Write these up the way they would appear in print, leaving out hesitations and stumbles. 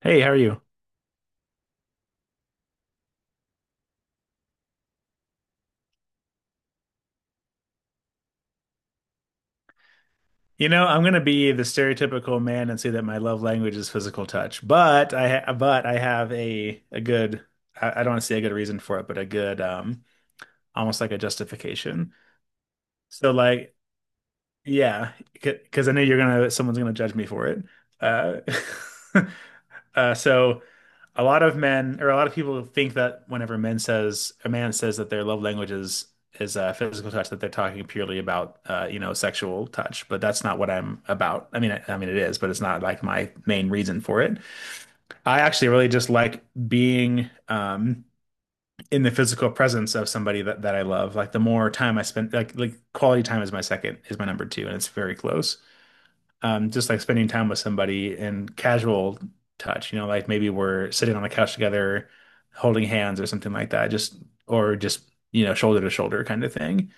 Hey, how are you? You know, I'm gonna be the stereotypical man and say that my love language is physical touch, but I ha but I have a good I don't want to say a good reason for it, but a good almost like a justification. So like, yeah, because I know you're gonna someone's gonna judge me for it. Uh, so a lot of men or a lot of people think that whenever men says a man says that their love language is physical touch that they're talking purely about you know sexual touch but that's not what I'm about I mean it is but it's not like my main reason for it. I actually really just like being in the physical presence of somebody that I love. Like the more time I spend, like, quality time is my second, is my number two, and it's very close. Just like spending time with somebody and casual touch, you know, like maybe we're sitting on the couch together, holding hands or something like that, just or just, you know, shoulder to shoulder kind of thing.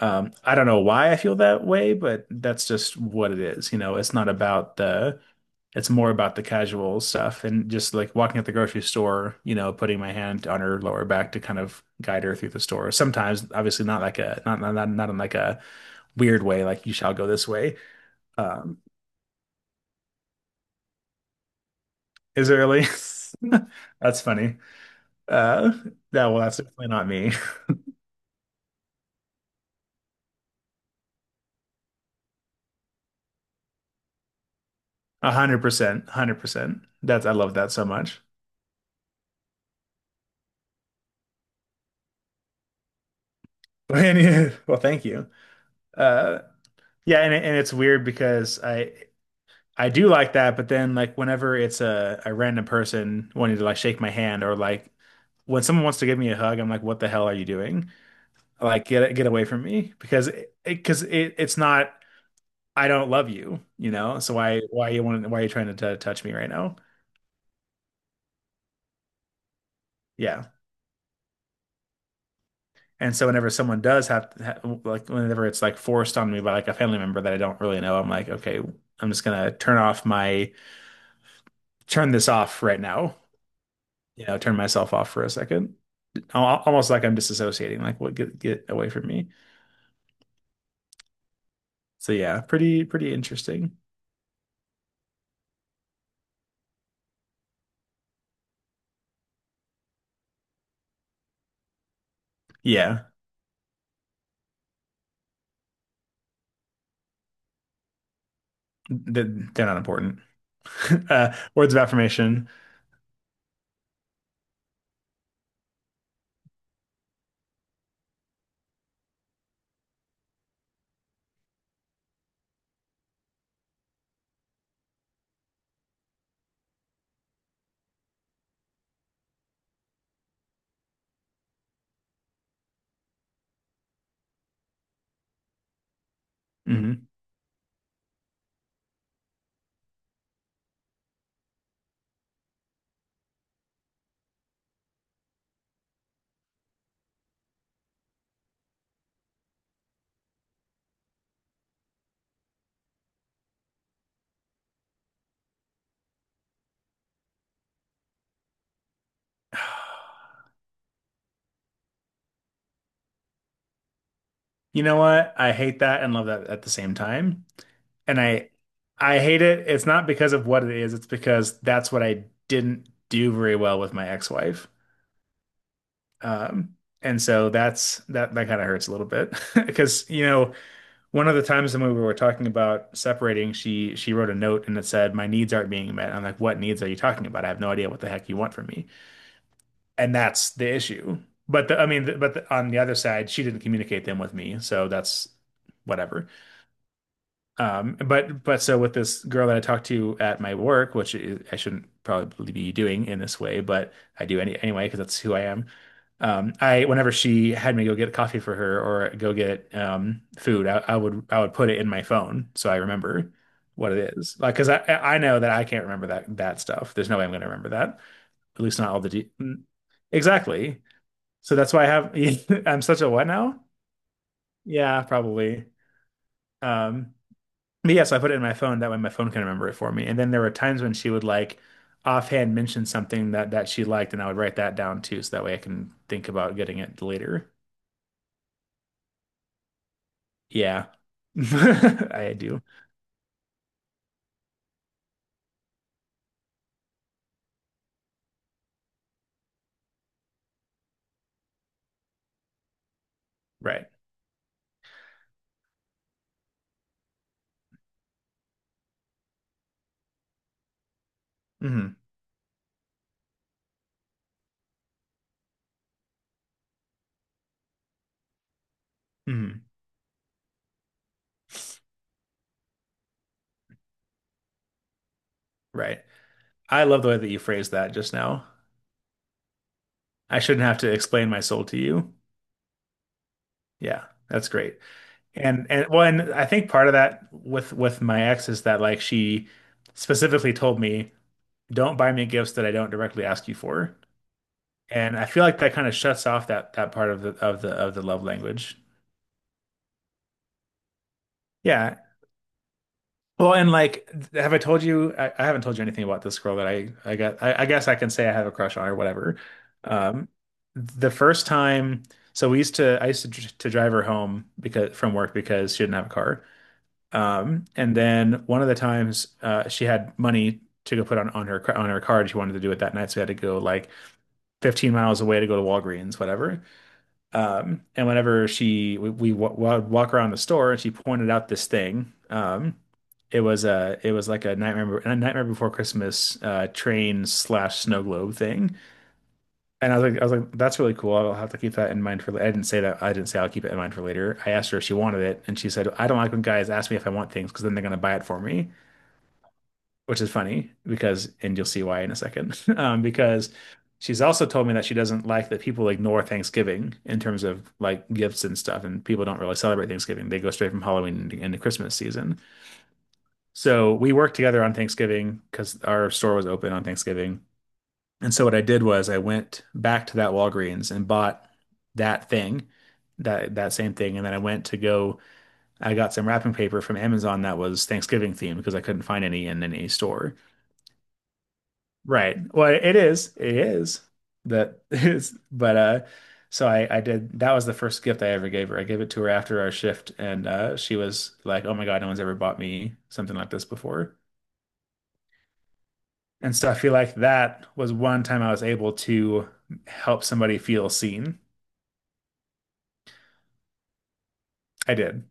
I don't know why I feel that way, but that's just what it is. You know, it's not about it's more about the casual stuff and just like walking at the grocery store, you know, putting my hand on her lower back to kind of guide her through the store. Sometimes, obviously, not in like a weird way, like you shall go this way. Um, Is early. That's funny. Uh, that well, that's definitely not me. 100%, 100%. That's, I love that so much. And, yeah, well, thank you. Uh, yeah, and it's weird because I do like that, but then, like, whenever it's a random person wanting to like shake my hand or like when someone wants to give me a hug, I'm like, what the hell are you doing? Like, get away from me because it's not. I don't love you, you know. So why you want, why are you trying to t touch me right now? Yeah. And so whenever someone does have, ha like whenever it's like forced on me by like a family member that I don't really know, I'm like, okay, I'm just gonna turn this off right now. You know, turn myself off for a second. Almost like I'm disassociating, like what, get away from me. So yeah, pretty interesting. Yeah, th- they're not important. Words of affirmation. Mhm. You know what? I hate that and love that at the same time. And I hate it. It's not because of what it is, it's because that's what I didn't do very well with my ex-wife. Um, and so that's that kind of hurts a little bit. Because you know, one of the times when we were talking about separating, she wrote a note and it said, "My needs aren't being met." I'm like, "What needs are you talking about? I have no idea what the heck you want from me." And that's the issue. But the, I mean, the, but the, on the other side, she didn't communicate them with me, so that's whatever. But so with this girl that I talked to at my work, which is, I shouldn't probably be doing in this way, but I do anyway because that's who I am. I Whenever she had me go get coffee for her or go get food, I would put it in my phone so I remember what it is. Like because I know that I can't remember that stuff. There's no way I'm gonna remember that. At least not all exactly. So that's why I have I'm such a what now? Yeah, probably. Um, but yeah, so I put it in my phone. That way my phone can remember it for me. And then there were times when she would like offhand mention something that she liked, and I would write that down too, so that way I can think about getting it later. Yeah. I do. Right. Hmm. Hmm. Right. I love the way that you phrased that just now. I shouldn't have to explain my soul to you. Yeah, that's great. And I think part of that with my ex is that, like, she specifically told me, don't buy me gifts that I don't directly ask you for. And I feel like that kind of shuts off that part of the love language. Yeah. Well, and like, have I told you? I haven't told you anything about this girl that I got. I guess I can say I have a crush on or whatever. Um, the first time, so we used to I used to drive her home because from work because she didn't have a car. And then one of the times, she had money to go put on her car- on her card. She wanted to do it that night, so we had to go like 15 miles away to go to Walgreens, whatever. And whenever she we w walk around the store and she pointed out this thing, it was a, it was like a Nightmare Before Christmas train slash snow globe thing. And I was like, that's really cool. I'll have to keep that in mind for. I didn't say that. I didn't say I'll keep it in mind for later. I asked her if she wanted it, and she said I don't like when guys ask me if I want things because then they're gonna buy it for me, which is funny because, and you'll see why in a second, because she's also told me that she doesn't like that people ignore Thanksgiving in terms of like gifts and stuff, and people don't really celebrate Thanksgiving. They go straight from Halloween into, Christmas season. So we worked together on Thanksgiving because our store was open on Thanksgiving. And so what I did was I went back to that Walgreens and bought that thing, that same thing, and then I went to go. I got some wrapping paper from Amazon that was Thanksgiving themed because I couldn't find any in any store. Right. Well, it is. It is that is. But so I did. That was the first gift I ever gave her. I gave it to her after our shift, and she was like, "Oh my God, no one's ever bought me something like this before." And so I feel like that was one time I was able to help somebody feel seen. I did.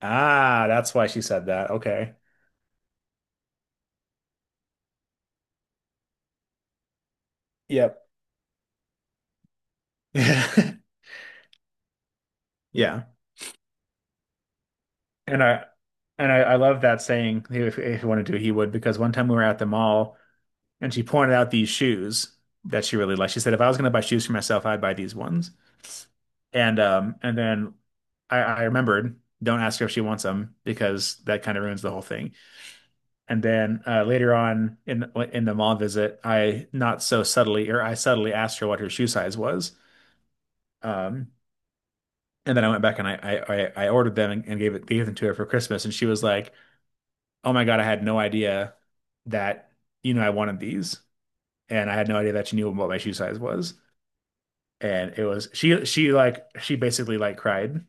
Ah, that's why she said that. Okay. Yep. Yeah. And I and I love that saying. If you want to do, he would. Because one time we were at the mall. And she pointed out these shoes that she really liked. She said, if I was going to buy shoes for myself, I'd buy these ones. And um, and then I remembered, don't ask her if she wants them because that kind of ruins the whole thing. And then later on in the mall visit, I not so subtly or I subtly asked her what her shoe size was. Um, and then I went back and I ordered them, and gave it gave them to her for Christmas, and she was like, "Oh my God, I had no idea that you know I wanted these, and I had no idea that you knew what my shoe size was." And it was, she like, she basically like cried.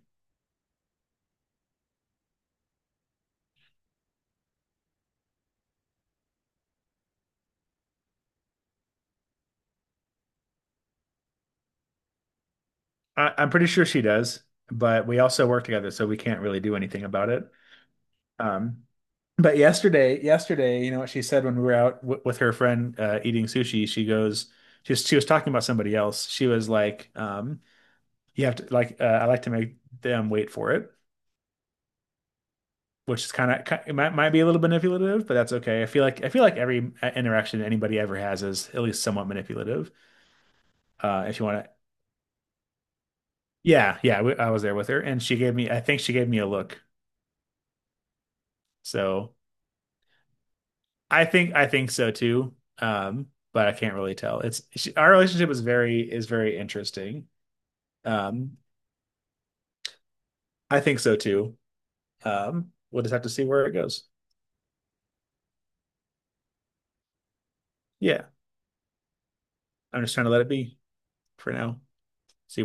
I'm pretty sure she does, but we also work together, so we can't really do anything about it. Um, but yesterday, you know what she said when we were out w with her friend eating sushi? She goes, she was talking about somebody else. She was like, you have to like I like to make them wait for it, which is kind of, it might be a little manipulative, but that's okay. I feel like every interaction anybody ever has is at least somewhat manipulative. If you want to. Yeah, yeah, I was there with her, and she gave me, I think she gave me a look. So I think so too. But I can't really tell. Our relationship is very, interesting. Um, I think so too. We'll just have to see where it goes. Yeah, I'm just trying to let it be for now. See